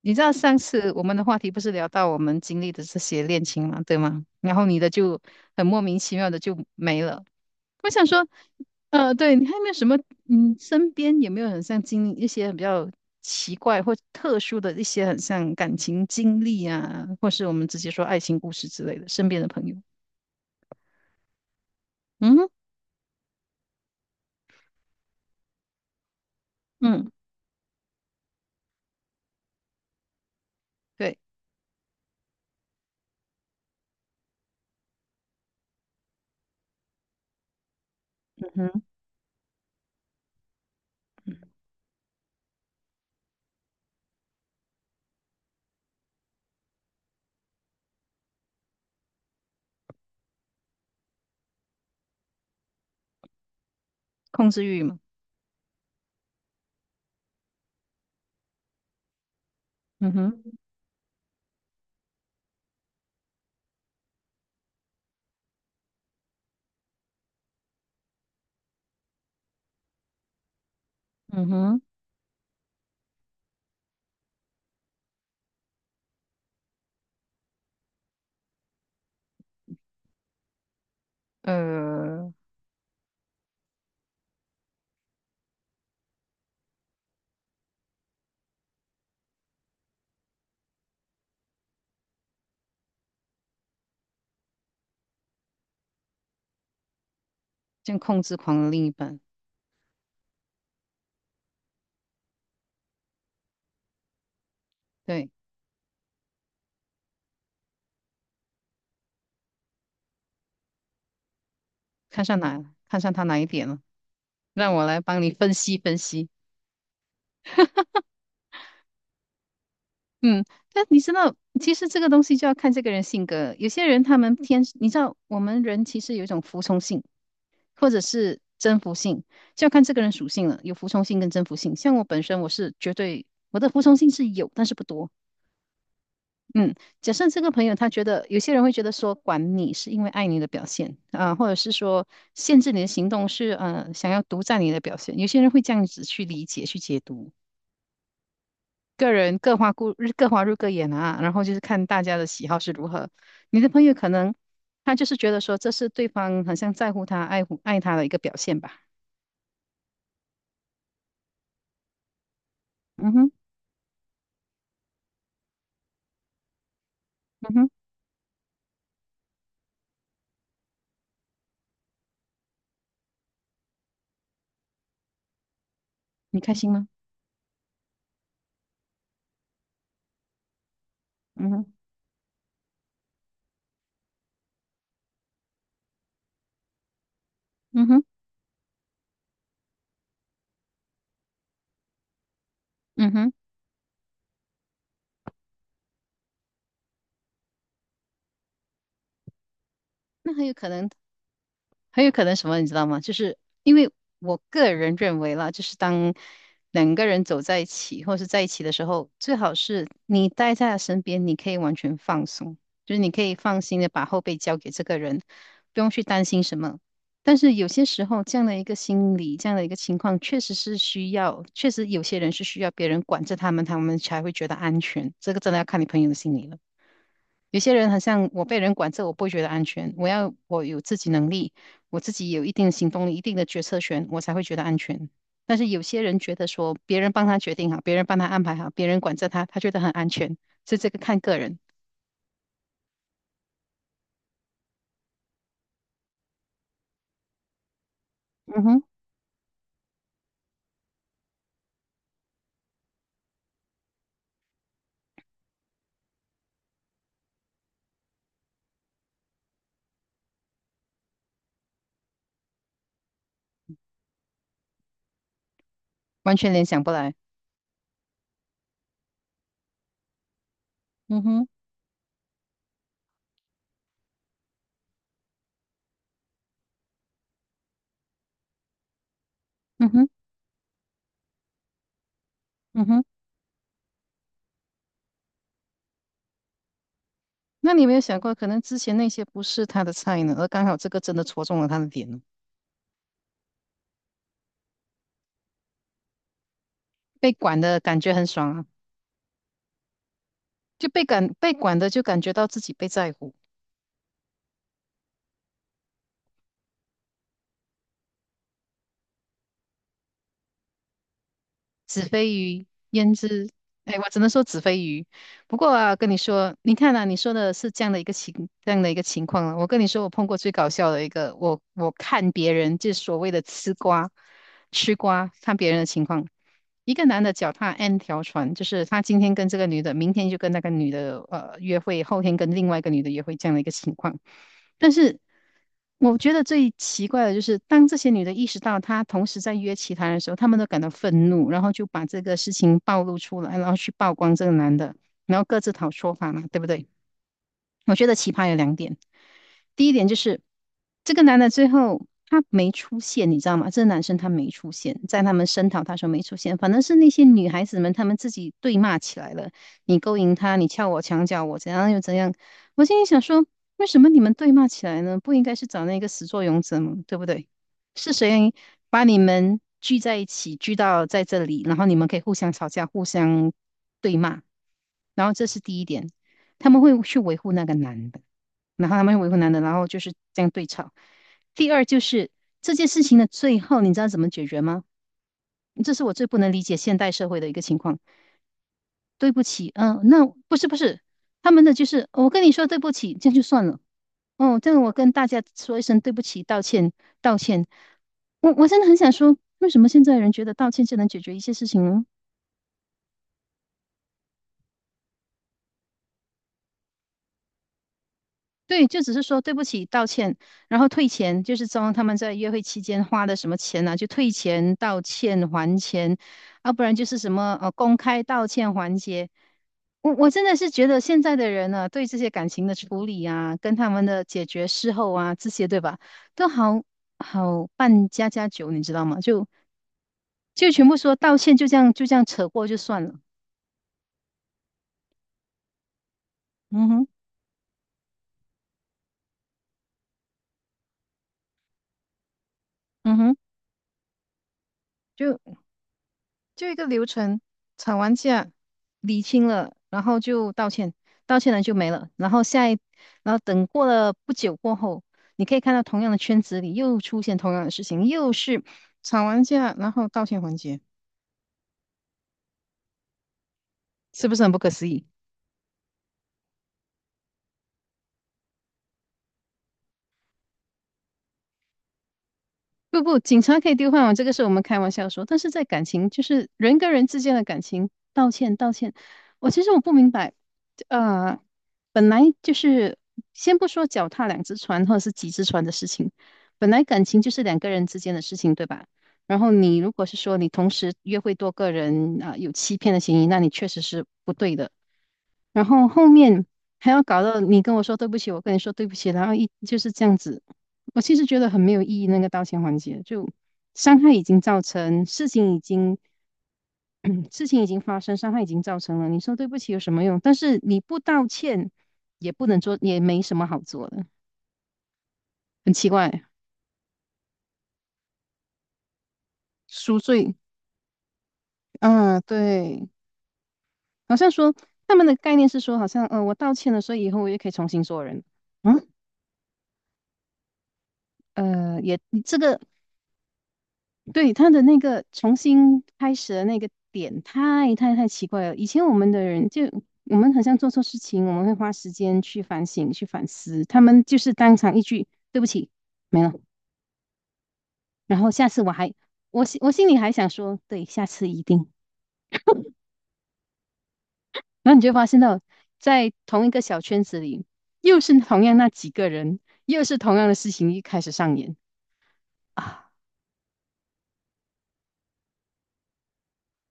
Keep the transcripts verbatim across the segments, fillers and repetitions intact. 你知道上次我们的话题不是聊到我们经历的这些恋情嘛，对吗？然后你的就很莫名其妙的就没了。我想说，呃，对，你还有没有什么，嗯，身边有没有很像经历一些比较奇怪或特殊的一些很像感情经历啊，或是我们直接说爱情故事之类的，身边的朋友？嗯哼。嗯，对。嗯哼。控制欲嘛。嗯哼。嗯哼。呃，像控制狂的另一半。对，看上哪，看上他哪一点了？让我来帮你分析分析。嗯，但你知道，其实这个东西就要看这个人性格。有些人他们天，你知道，我们人其实有一种服从性，或者是征服性，就要看这个人属性了。有服从性跟征服性。像我本身，我是绝对我的服从性是有，但是不多。嗯，假设这个朋友他觉得，有些人会觉得说，管你是因为爱你的表现啊、或者是说限制你的行动是呃想要独占你的表现。有些人会这样子去理解去解读。个人各花各各花入各眼啊，然后就是看大家的喜好是如何。你的朋友可能他就是觉得说这是对方好像在乎他、爱护爱他的一个表现吧。嗯哼。嗯哼。你开心吗？嗯哼。嗯哼。嗯哼。那很有可能很有可能什么，你知道吗？就是因为我个人认为啦，就是当两个人走在一起，或是在一起的时候，最好是你待在他身边，你可以完全放松，就是你可以放心的把后背交给这个人，不用去担心什么。但是有些时候，这样的一个心理，这样的一个情况，确实是需要，确实有些人是需要别人管着他们，他们才会觉得安全。这个真的要看你朋友的心理了。有些人好像我被人管着，我不会觉得安全。我要我有自己能力，我自己有一定的行动力、一定的决策权，我才会觉得安全。但是有些人觉得说，别人帮他决定好，别人帮他安排好，别人管着他，他觉得很安全。所以这个看个人。嗯哼。完全联想不来。嗯哼。嗯哼。嗯哼。那你有没有想过，可能之前那些不是他的菜呢，而刚好这个真的戳中了他的点呢？被管的感觉很爽啊，就被感被管的就感觉到自己被在乎。子非鱼焉知？哎，我只能说子非鱼。不过啊，跟你说，你看啊，你说的是这样的一个情，这样的一个情况了。我跟你说，我碰过最搞笑的一个，我我看别人就是所谓的吃瓜，吃瓜，看别人的情况。一个男的脚踏 N 条船，就是他今天跟这个女的，明天就跟那个女的呃约会，后天跟另外一个女的约会这样的一个情况。但是我觉得最奇怪的就是，当这些女的意识到她同时在约其他人的时候，她们都感到愤怒，然后就把这个事情暴露出来，然后去曝光这个男的，然后各自讨说法嘛，对不对？我觉得奇葩有两点，第一点就是这个男的最后他没出现，你知道吗？这个男生他没出现，在他们声讨他说没出现，反正是那些女孩子们她们自己对骂起来了，你勾引他，你撬我墙角，我怎样又怎样。我心里想说，为什么你们对骂起来呢？不应该是找那个始作俑者吗？对不对？是谁把你们聚在一起，聚到在这里，然后你们可以互相吵架、互相对骂？然后这是第一点，他们会去维护那个男的，然后他们会维护男的，然后就是这样对吵。第二就是这件事情的最后，你知道怎么解决吗？这是我最不能理解现代社会的一个情况。对不起，嗯、那不是不是，他们的就是哦我跟你说对不起，这样就算了。哦，这样我跟大家说一声对不起，道歉，道歉。我我真的很想说，为什么现在人觉得道歉就能解决一些事情呢？对，就只是说对不起，道歉，然后退钱，就是装他们在约会期间花的什么钱啊，就退钱、道歉、还钱，要不然就是什么呃公开道歉环节。我我真的是觉得现在的人呢、对这些感情的处理啊，跟他们的解决事后啊，这些对吧，都好好办家家酒，你知道吗？就。就全部说道歉，就这样就这样扯过就算了。嗯哼。嗯哼。就就一个流程，吵完架，理清了，然后就道歉，道歉了就没了。然后下一，然后等过了不久过后，你可以看到同样的圈子里又出现同样的事情，又是吵完架，然后道歉环节，是不是很不可思议？不不，警察可以丢饭碗，这个是我们开玩笑说。但是在感情，就是人跟人之间的感情，道歉道歉。我其实我不明白，呃，本来就是先不说脚踏两只船或者是几只船的事情，本来感情就是两个人之间的事情，对吧？然后你如果是说你同时约会多个人啊，有欺骗的嫌疑，那你确实是不对的。然后后面还要搞到你跟我说对不起，我跟你说对不起，然后一就是这样子，我其实觉得很没有意义，那个道歉环节，就伤害已经造成，事情已经，事情已经发生，伤害已经造成了，你说对不起有什么用？但是你不道歉，也不能做，也没什么好做的，很奇怪。赎罪。啊，对。好像说他们的概念是说，好像，呃，我道歉了，所以以后我也可以重新做人。嗯，呃，也这个对，他的那个重新开始的那个点太太太奇怪了。以前我们的人就我们好像做错事情，我们会花时间去反省、去反思。他们就是当场一句“对不起”没了，然后下次我还我心我心里还想说“对，下次一定”。然后你就发现到，在同一个小圈子里，又是同样那几个人，又是同样的事情一开始上演啊。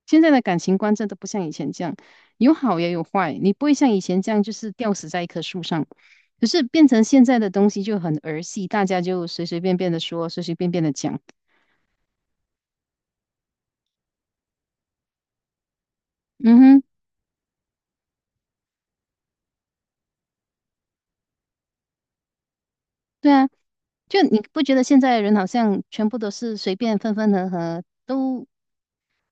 现在的感情观真的不像以前这样，有好也有坏，你不会像以前这样就是吊死在一棵树上。可是变成现在的东西就很儿戏，大家就随随便便的说，随随便便的讲。嗯哼。对啊，就你不觉得现在的人好像全部都是随便分分合合，都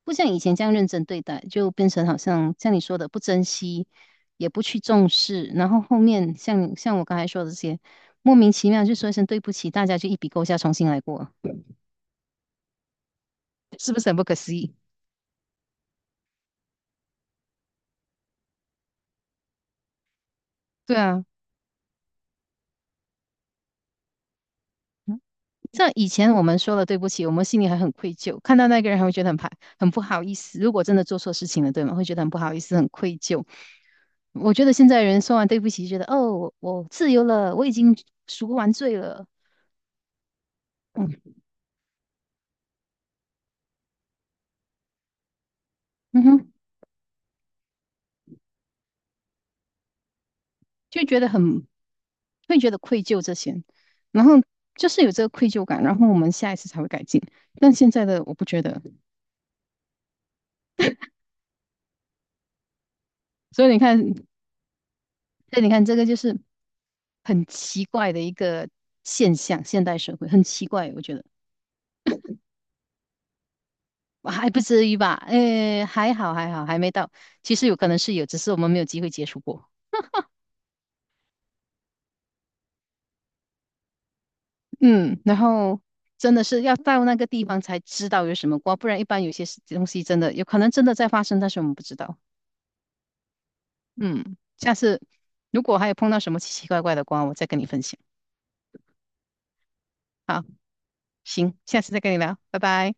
不像以前这样认真对待，就变成好像像你说的不珍惜，也不去重视，然后后面像像我刚才说的这些，莫名其妙就说一声对不起，大家就一笔勾销，重新来过。是不是很不可思议？对啊。嗯，像以前我们说了对不起，我们心里还很愧疚，看到那个人还会觉得很排，很不好意思。如果真的做错事情了，对吗？会觉得很不好意思，很愧疚。我觉得现在人说完对不起，觉得哦，我自由了，我已经赎完罪了。嗯。嗯哼。就觉得很会觉得愧疚这些，然后就是有这个愧疚感，然后我们下一次才会改进。但现在的我不觉得，所以你看，所以你看，这个就是很奇怪的一个现象，现代社会很奇怪，我觉得还不至于吧？诶，还好还好，还没到。其实有可能是有，只是我们没有机会接触过。嗯，然后真的是要到那个地方才知道有什么瓜，不然一般有些事东西真的有可能真的在发生，但是我们不知道。嗯，下次如果还有碰到什么奇奇怪怪的瓜，我再跟你分享。好，行，下次再跟你聊，拜拜。